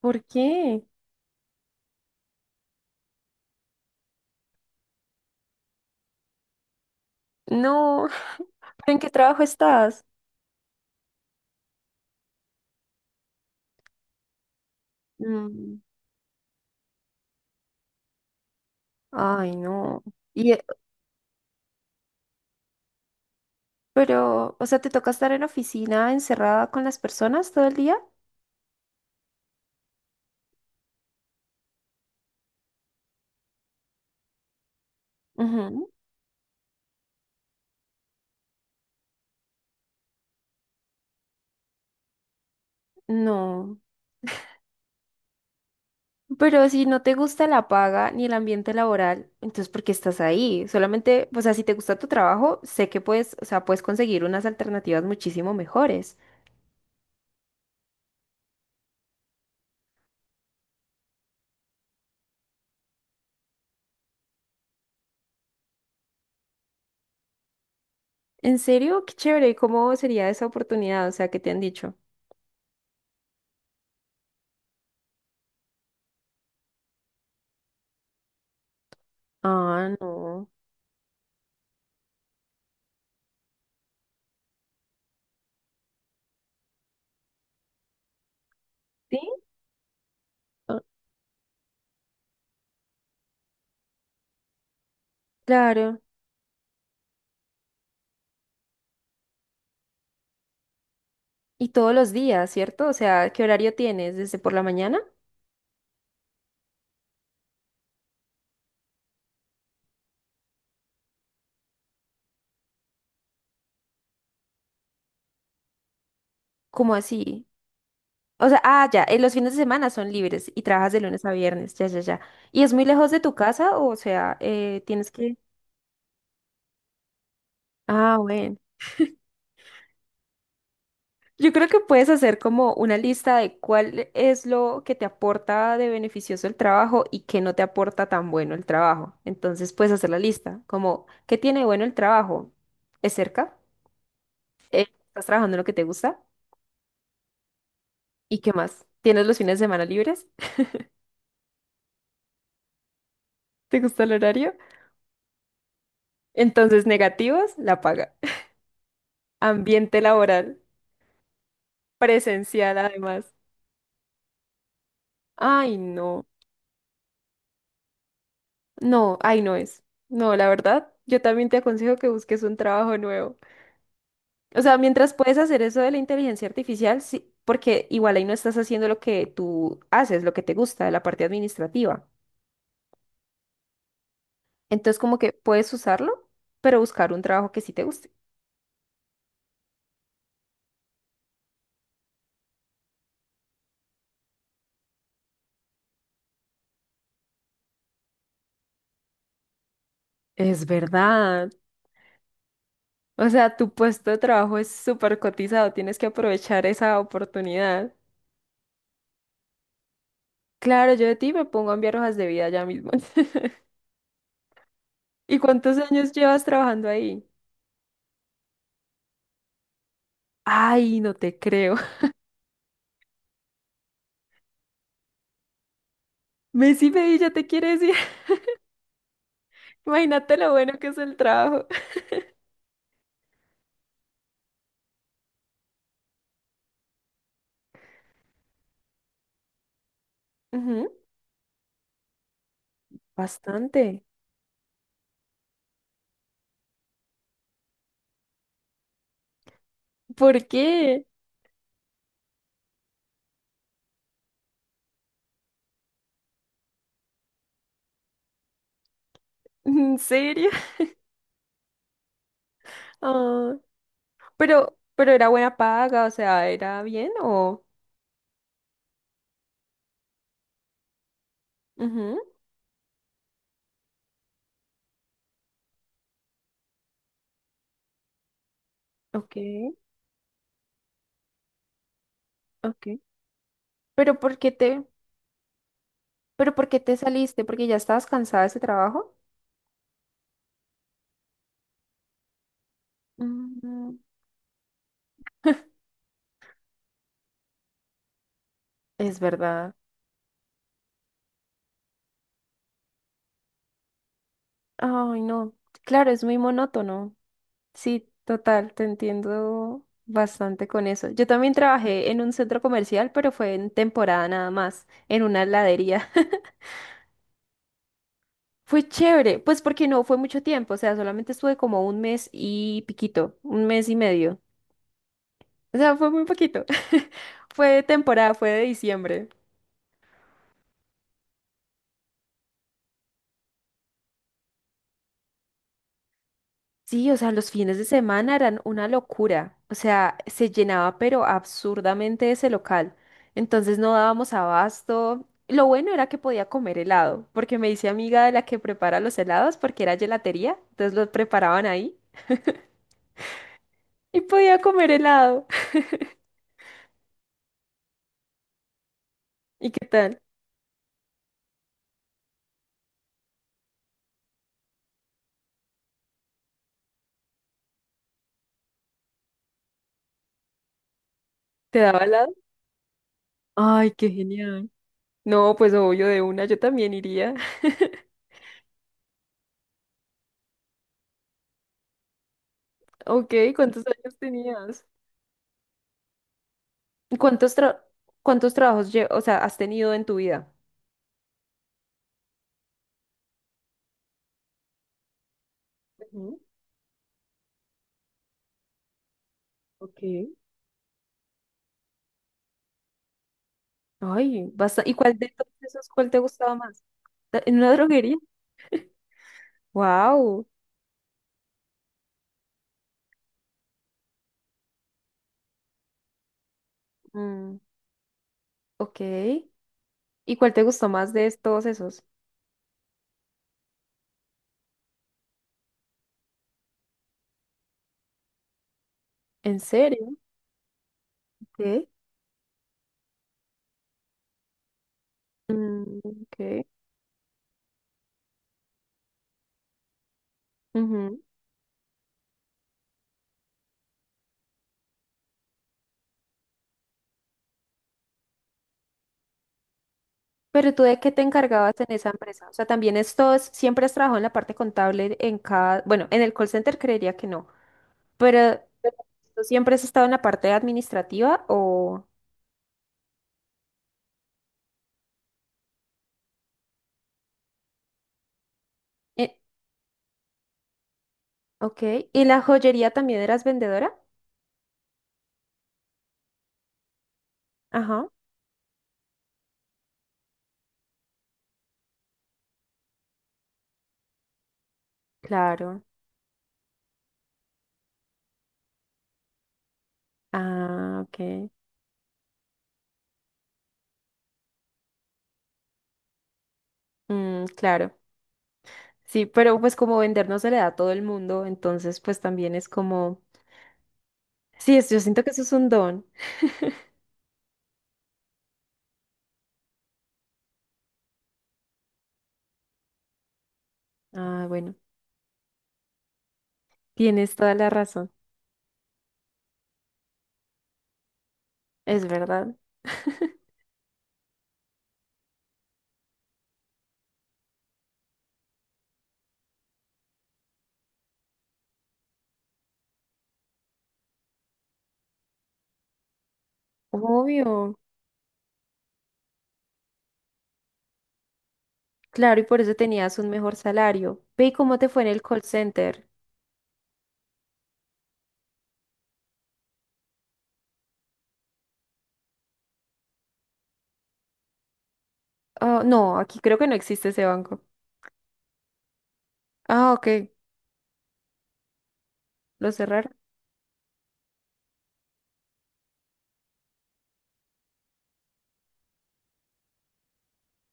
¿Por qué? No, ¿pero en qué trabajo estás? Mm, Ay, no. Y, pero, o sea, ¿te toca estar en oficina encerrada con las personas todo el día? Ujú. No. Pero si no te gusta la paga ni el ambiente laboral, entonces ¿por qué estás ahí? Solamente, o sea, si te gusta tu trabajo, sé que puedes, o sea, puedes conseguir unas alternativas muchísimo mejores. ¿En serio? Qué chévere. ¿Y cómo sería esa oportunidad? O sea, ¿qué te han dicho? Ah, no. ¿Sí? Ah, claro. Y todos los días, ¿cierto? O sea, ¿qué horario tienes? ¿Desde por la mañana? ¿Cómo así? O sea, los fines de semana son libres y trabajas de lunes a viernes, ya, ya, ya. ¿Y es muy lejos de tu casa? O sea, tienes que… Ah, bueno. Yo creo que puedes hacer como una lista de cuál es lo que te aporta de beneficioso el trabajo y qué no te aporta tan bueno el trabajo. Entonces puedes hacer la lista, como, ¿qué tiene de bueno el trabajo? ¿Es cerca? ¿Estás trabajando en lo que te gusta? ¿Y qué más? ¿Tienes los fines de semana libres? ¿Te gusta el horario? Entonces, negativos, la paga. Ambiente laboral, presencial además. Ay, no, no, ay, no es. No, la verdad, yo también te aconsejo que busques un trabajo nuevo. O sea, mientras puedes hacer eso de la inteligencia artificial, sí, porque igual ahí no estás haciendo lo que tú haces, lo que te gusta, la parte administrativa. Entonces, como que puedes usarlo, pero buscar un trabajo que sí te guste. Es verdad. O sea, tu puesto de trabajo es súper cotizado, tienes que aprovechar esa oportunidad. Claro, yo de ti me pongo a enviar hojas de vida ya mismo. ¿Y cuántos años llevas trabajando ahí? Ay, no te creo. Messi ya te quiere decir. Imagínate lo bueno que es el trabajo. Ujú, bastante. ¿Por qué? ¿En serio? Ah, pero, era buena paga, o sea, ¿era bien o…? Ujú, ok, ok. ¿Pero por qué te, pero por qué te saliste? ¿Porque ya estabas cansada de ese trabajo? Mm, es verdad. Ay, no. Claro, es muy monótono. Sí, total, te entiendo bastante con eso. Yo también trabajé en un centro comercial, pero fue en temporada nada más, en una heladería. Fue chévere, pues porque no fue mucho tiempo, o sea, solamente estuve como un mes y piquito, un mes y medio. O sea, fue muy poquito. Fue temporada, fue de diciembre. Sí, o sea, los fines de semana eran una locura. O sea, se llenaba pero absurdamente ese local. Entonces no dábamos abasto. Lo bueno era que podía comer helado, porque me hice amiga de la que prepara los helados, porque era gelatería, entonces los preparaban ahí y podía comer helado. ¿Y qué tal? ¿Te daba helado? Ay, qué genial. No, pues obvio, de una yo también iría. Ok, ¿cuántos años tenías? ¿Cuántos tra- cuántos trabajos, o sea, has tenido en tu vida? Ok. Ay, basta. ¿Y cuál de todos esos, cuál te gustaba más? ¿En una droguería? Wow. Ok. ¿Y cuál te gustó más de todos esos? ¿En serio? Ok. Mm, ok. Ujú. ¿Pero tú de qué te encargabas en esa empresa? O sea, siempre has trabajado en la parte contable en cada, bueno, en el call center creería que no, pero ¿tú siempre has estado en la parte administrativa o… eh, ok. ¿Y en la joyería también eras vendedora? Ajá. Claro. Ah, ok. Mm, claro. Sí, pero pues como vender no se le da a todo el mundo, entonces pues también es como… Sí, yo siento que eso es un don. Ah, bueno, tienes toda la razón. Es verdad. Obvio. Claro, y por eso tenías un mejor salario. Ve, ¿y cómo te fue en el call center? Ah, no, aquí creo que no existe ese banco. Ah, ok. Lo cerraron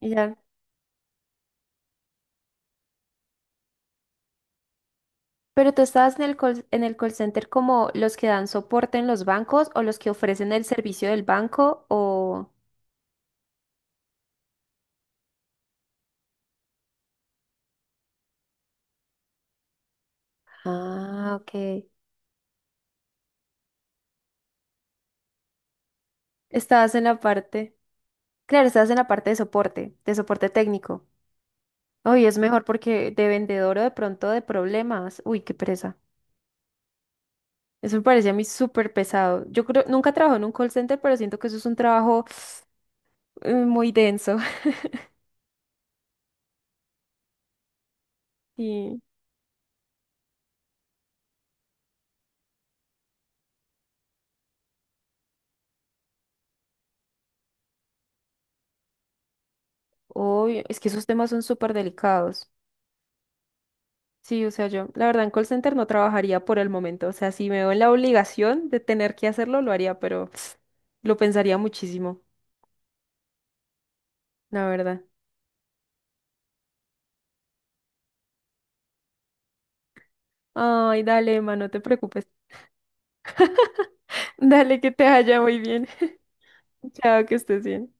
y ya. Pero tú estabas en el call center como los que dan soporte en los bancos o los que ofrecen el servicio del banco o… Ah, ok. Estabas en la parte, claro, estabas en la parte de soporte técnico. Uy, es mejor porque de vendedor o de pronto de problemas. Uy, qué presa. Eso me parece a mí súper pesado. Yo creo, nunca trabajo en un call center, pero siento que eso es un trabajo muy denso. Y, obvio, es que esos temas son súper delicados. Sí, o sea, yo, la verdad, en call center no trabajaría por el momento. O sea, si me veo en la obligación de tener que hacerlo, lo haría, pero lo pensaría muchísimo, la verdad. Ay, dale, Emma, no te preocupes. Dale, que te vaya muy bien. Chao, que estés bien.